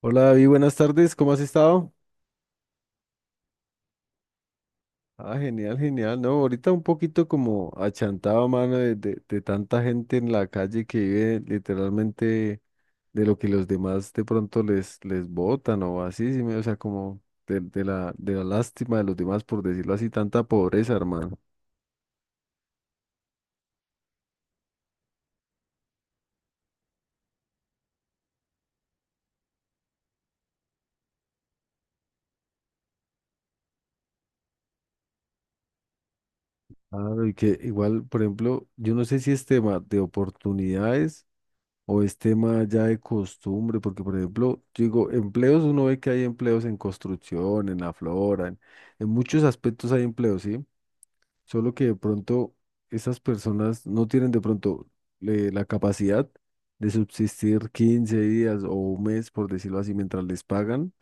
Hola David, buenas tardes, ¿cómo has estado? Ah, genial, genial, ¿no? Ahorita un poquito como achantado, mano, de tanta gente en la calle que vive literalmente de lo que los demás de pronto les botan o así, sí, o sea, como de la lástima de los demás, por decirlo así, tanta pobreza, hermano. Claro, y que igual, por ejemplo, yo no sé si es tema de oportunidades o es tema ya de costumbre, porque por ejemplo, yo digo, empleos, uno ve que hay empleos en construcción, en la flora, en muchos aspectos hay empleos, ¿sí? Solo que de pronto esas personas no tienen de pronto la capacidad de subsistir 15 días o un mes, por decirlo así, mientras les pagan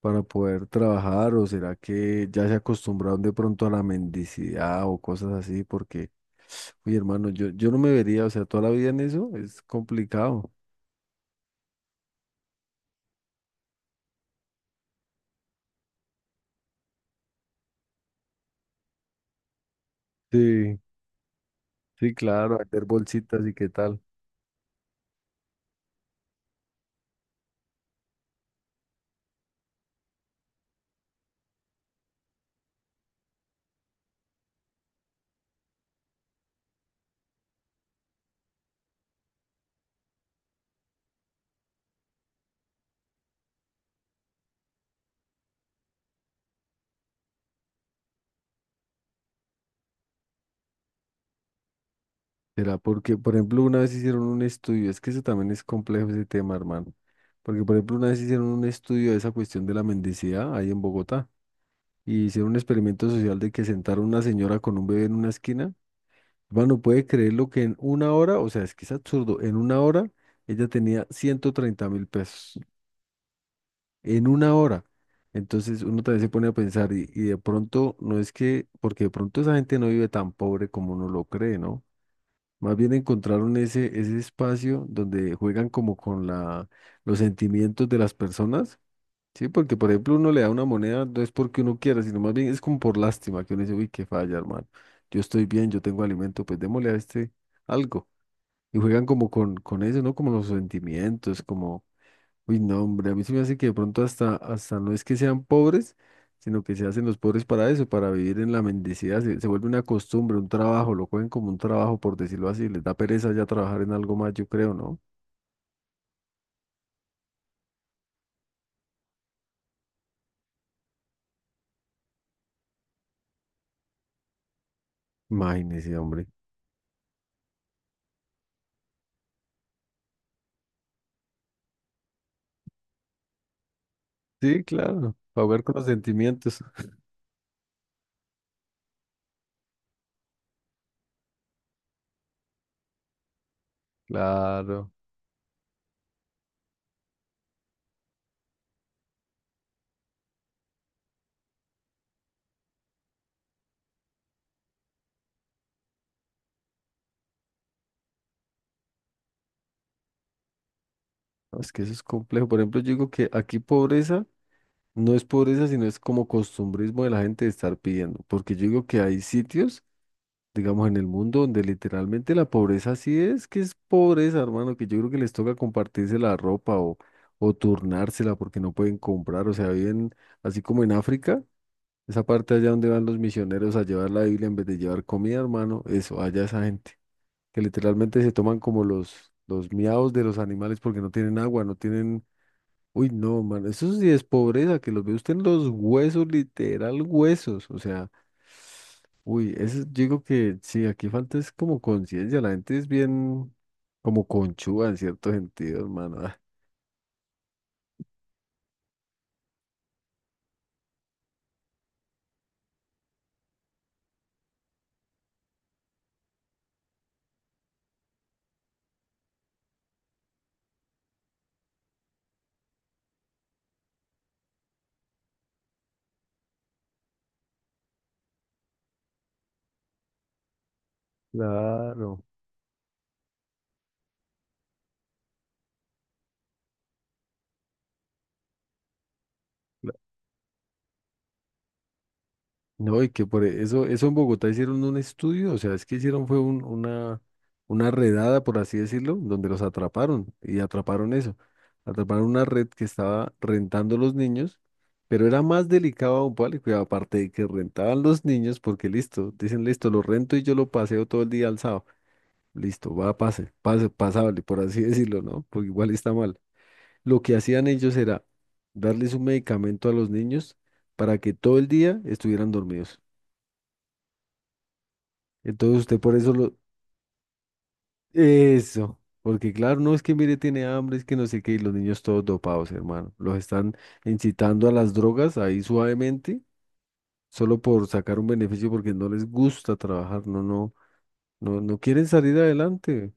para poder trabajar, o será que ya se acostumbraron de pronto a la mendicidad o cosas así, porque, oye hermano, yo no me vería, o sea, toda la vida en eso es complicado. Sí. Sí, claro, hacer bolsitas y qué tal. Será porque, por ejemplo, una vez hicieron un estudio, es que eso también es complejo ese tema, hermano. Porque, por ejemplo, una vez hicieron un estudio de esa cuestión de la mendicidad ahí en Bogotá. Y hicieron un experimento social de que sentaron una señora con un bebé en una esquina. Hermano, puede creer lo que en una hora, o sea, es que es absurdo, en una hora ella tenía 130.000 pesos. En una hora. Entonces uno también se pone a pensar, y de pronto, no es que, porque de pronto esa gente no vive tan pobre como uno lo cree, ¿no? Más bien encontraron ese espacio donde juegan como con los sentimientos de las personas, ¿sí? Porque, por ejemplo, uno le da una moneda, no es porque uno quiera, sino más bien es como por lástima, que uno dice, uy, qué falla, hermano. Yo estoy bien, yo tengo alimento, pues démosle a este algo. Y juegan como con eso, ¿no? Como los sentimientos, como. Uy, no, hombre, a mí se me hace que de pronto hasta no es que sean pobres, sino que se hacen los pobres para eso, para vivir en la mendicidad. Se vuelve una costumbre, un trabajo, lo cogen como un trabajo, por decirlo así. Les da pereza ya trabajar en algo más, yo creo, ¿no? Imagínese, hombre. Sí, claro, para jugar con los sentimientos. Claro. No, es que eso es complejo. Por ejemplo, yo digo que aquí pobreza no es pobreza, sino es como costumbrismo de la gente de estar pidiendo. Porque yo digo que hay sitios, digamos, en el mundo donde literalmente la pobreza sí es, que es pobreza, hermano, que yo creo que les toca compartirse la ropa o turnársela porque no pueden comprar, o sea, viven así como en África, esa parte allá donde van los misioneros a llevar la Biblia en vez de llevar comida, hermano, eso, allá esa gente, que literalmente se toman como los miados de los animales porque no tienen agua, no tienen. Uy, no, man, eso sí es pobreza, que los ve usted en los huesos, literal huesos, o sea, uy, eso yo digo que sí, aquí falta es como conciencia, la gente es bien como conchúa en cierto sentido, hermano. Ah. Claro. cla- No, y que por eso en Bogotá hicieron un estudio, o sea, es que hicieron fue una redada, por así decirlo, donde los atraparon y atraparon eso. Atraparon una red que estaba rentando los niños, pero era más delicado aún, ¿vale? Cuidado, aparte de que rentaban los niños, porque listo, dicen listo, lo rento y yo lo paseo todo el día alzado. Listo, va, pase, pase, pasable, por así decirlo, ¿no? Porque igual está mal. Lo que hacían ellos era darles un medicamento a los niños para que todo el día estuvieran dormidos. Entonces usted por eso lo- Eso, porque claro, no es que mire, tiene hambre, es que no sé qué, y los niños todos dopados, hermano. Los están incitando a las drogas ahí suavemente, solo por sacar un beneficio porque no les gusta trabajar, no, no, no, no quieren salir adelante.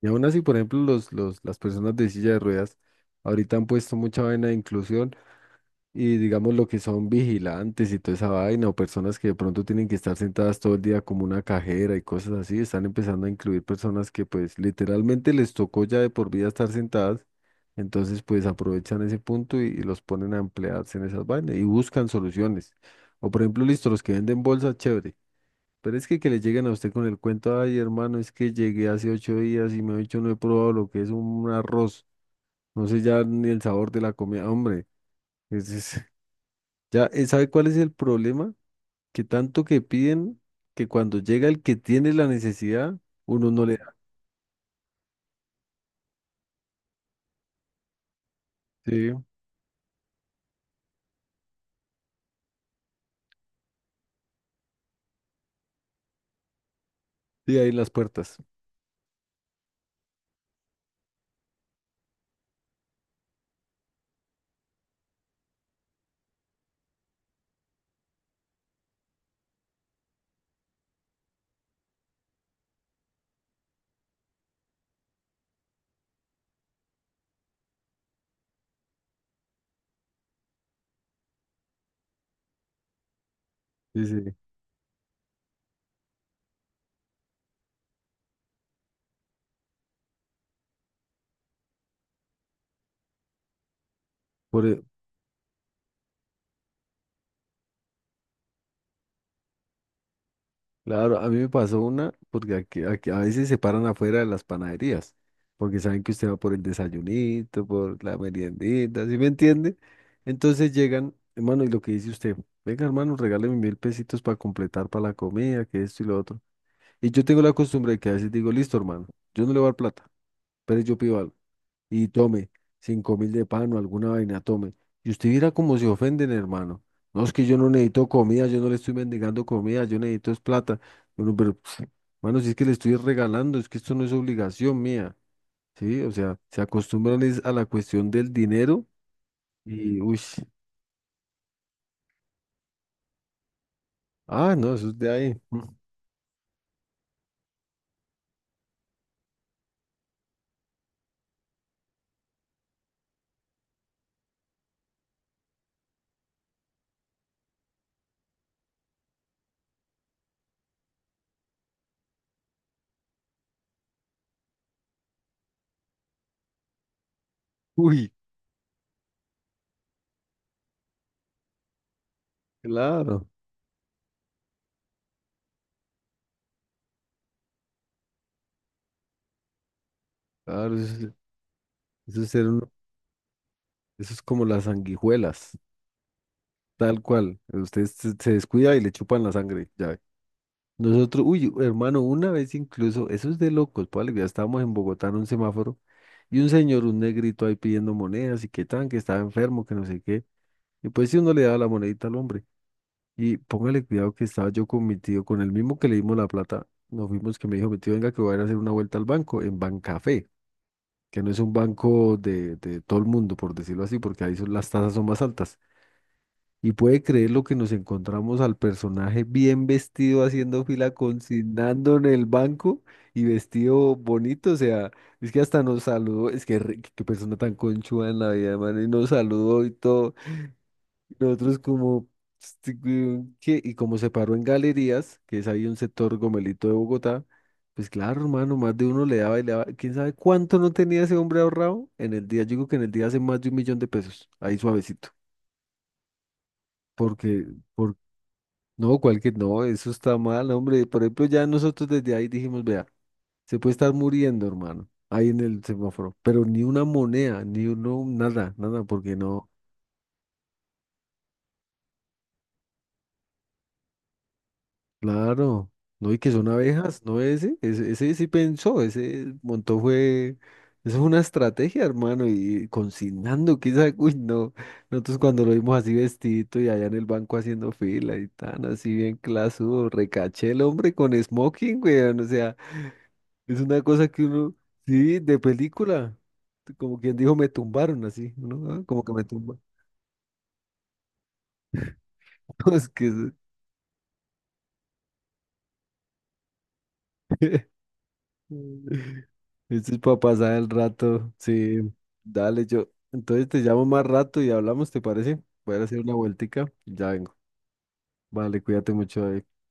Y aún así, por ejemplo, las personas de silla de ruedas ahorita han puesto mucha vaina de inclusión. Y digamos lo que son vigilantes y toda esa vaina, o personas que de pronto tienen que estar sentadas todo el día como una cajera y cosas así, están empezando a incluir personas que pues literalmente les tocó ya de por vida estar sentadas, entonces pues aprovechan ese punto y los ponen a emplearse en esas vainas y buscan soluciones. O por ejemplo, listo, los que venden bolsas, chévere, pero es que le lleguen a usted con el cuento, ay hermano, es que llegué hace 8 días y me he hecho no he probado lo que es un arroz, no sé ya ni el sabor de la comida, hombre. es, es- ya, ¿sabe cuál es el problema? Que tanto que piden que cuando llega el que tiene la necesidad, uno no le da. Sí, sí, ahí en las puertas. Sí, sí. Por, e- claro, a mí me pasó una, porque aquí a veces se paran afuera de las panaderías, porque saben que usted va por el desayunito, por la meriendita, ¿sí me entiende? Entonces llegan, hermano, y lo que dice usted, venga, hermano, regáleme 1.000 pesitos para completar para la comida, que esto y lo otro. Y yo tengo la costumbre de que a veces digo, listo, hermano, yo no le voy a dar plata, pero yo pido algo. Y tome 5.000 de pan o alguna vaina, tome. Y usted viera cómo se ofenden, hermano. No, es que yo no necesito comida, yo no le estoy mendigando comida, yo necesito es plata. Bueno, pero, pf, hermano, si es que le estoy regalando, es que esto no es obligación mía, ¿sí? O sea, se acostumbran es a la cuestión del dinero y, uy, ah, no, eso es de ahí. Uy, claro, claro, eso es ser uno- eso es como las sanguijuelas, tal cual. Usted se descuida y le chupan la sangre, ya. Nosotros, uy, hermano, una vez incluso, eso es de locos, pues ya estábamos en Bogotá en un semáforo y un señor, un negrito ahí pidiendo monedas y qué tan, que estaba enfermo, que no sé qué. Y pues si uno le daba la monedita al hombre. Y póngale cuidado que estaba yo con mi tío, con el mismo que le dimos la plata, nos fuimos que me dijo, mi tío, venga que voy a ir a hacer una vuelta al banco, en Bancafé, que no es un banco de todo el mundo, por decirlo así, porque ahí son, las tasas son más altas. Y puede creer lo que nos encontramos al personaje bien vestido haciendo fila, consignando en el banco y vestido bonito. O sea, es que hasta nos saludó. Es que qué persona tan conchuda en la vida, man. Y nos saludó y todo. Y nosotros como... este, weón, ¿qué? Y como se paró en galerías, que es ahí un sector gomelito de Bogotá, pues claro, hermano, más de uno le daba y le daba. ¿Quién sabe cuánto no tenía ese hombre ahorrado? En el día, yo digo que en el día hace más de un millón de pesos. Ahí suavecito. Porque... Porque No, cualquier, no, eso está mal, hombre. Por ejemplo, ya nosotros desde ahí dijimos, vea, se puede estar muriendo, hermano, ahí en el semáforo, pero ni una moneda, ni uno, nada, nada, porque no, claro, no, y que son abejas, no ese sí pensó, ese montó fue, eso es una estrategia, hermano, y consignando, quizás, uy, no, nosotros cuando lo vimos así vestidito y allá en el banco haciendo fila y tan así bien clasudo, recaché el hombre con smoking, weón, o sea. Es una cosa que uno, sí, de película, como quien dijo, me tumbaron así, ¿no? Ah, como que me tumbaron. Es que es- esto es para pasar el rato, sí, dale, yo. Entonces te llamo más rato y hablamos, ¿te parece? Voy a ir a hacer una vueltica, ya vengo. Vale, cuídate mucho, David.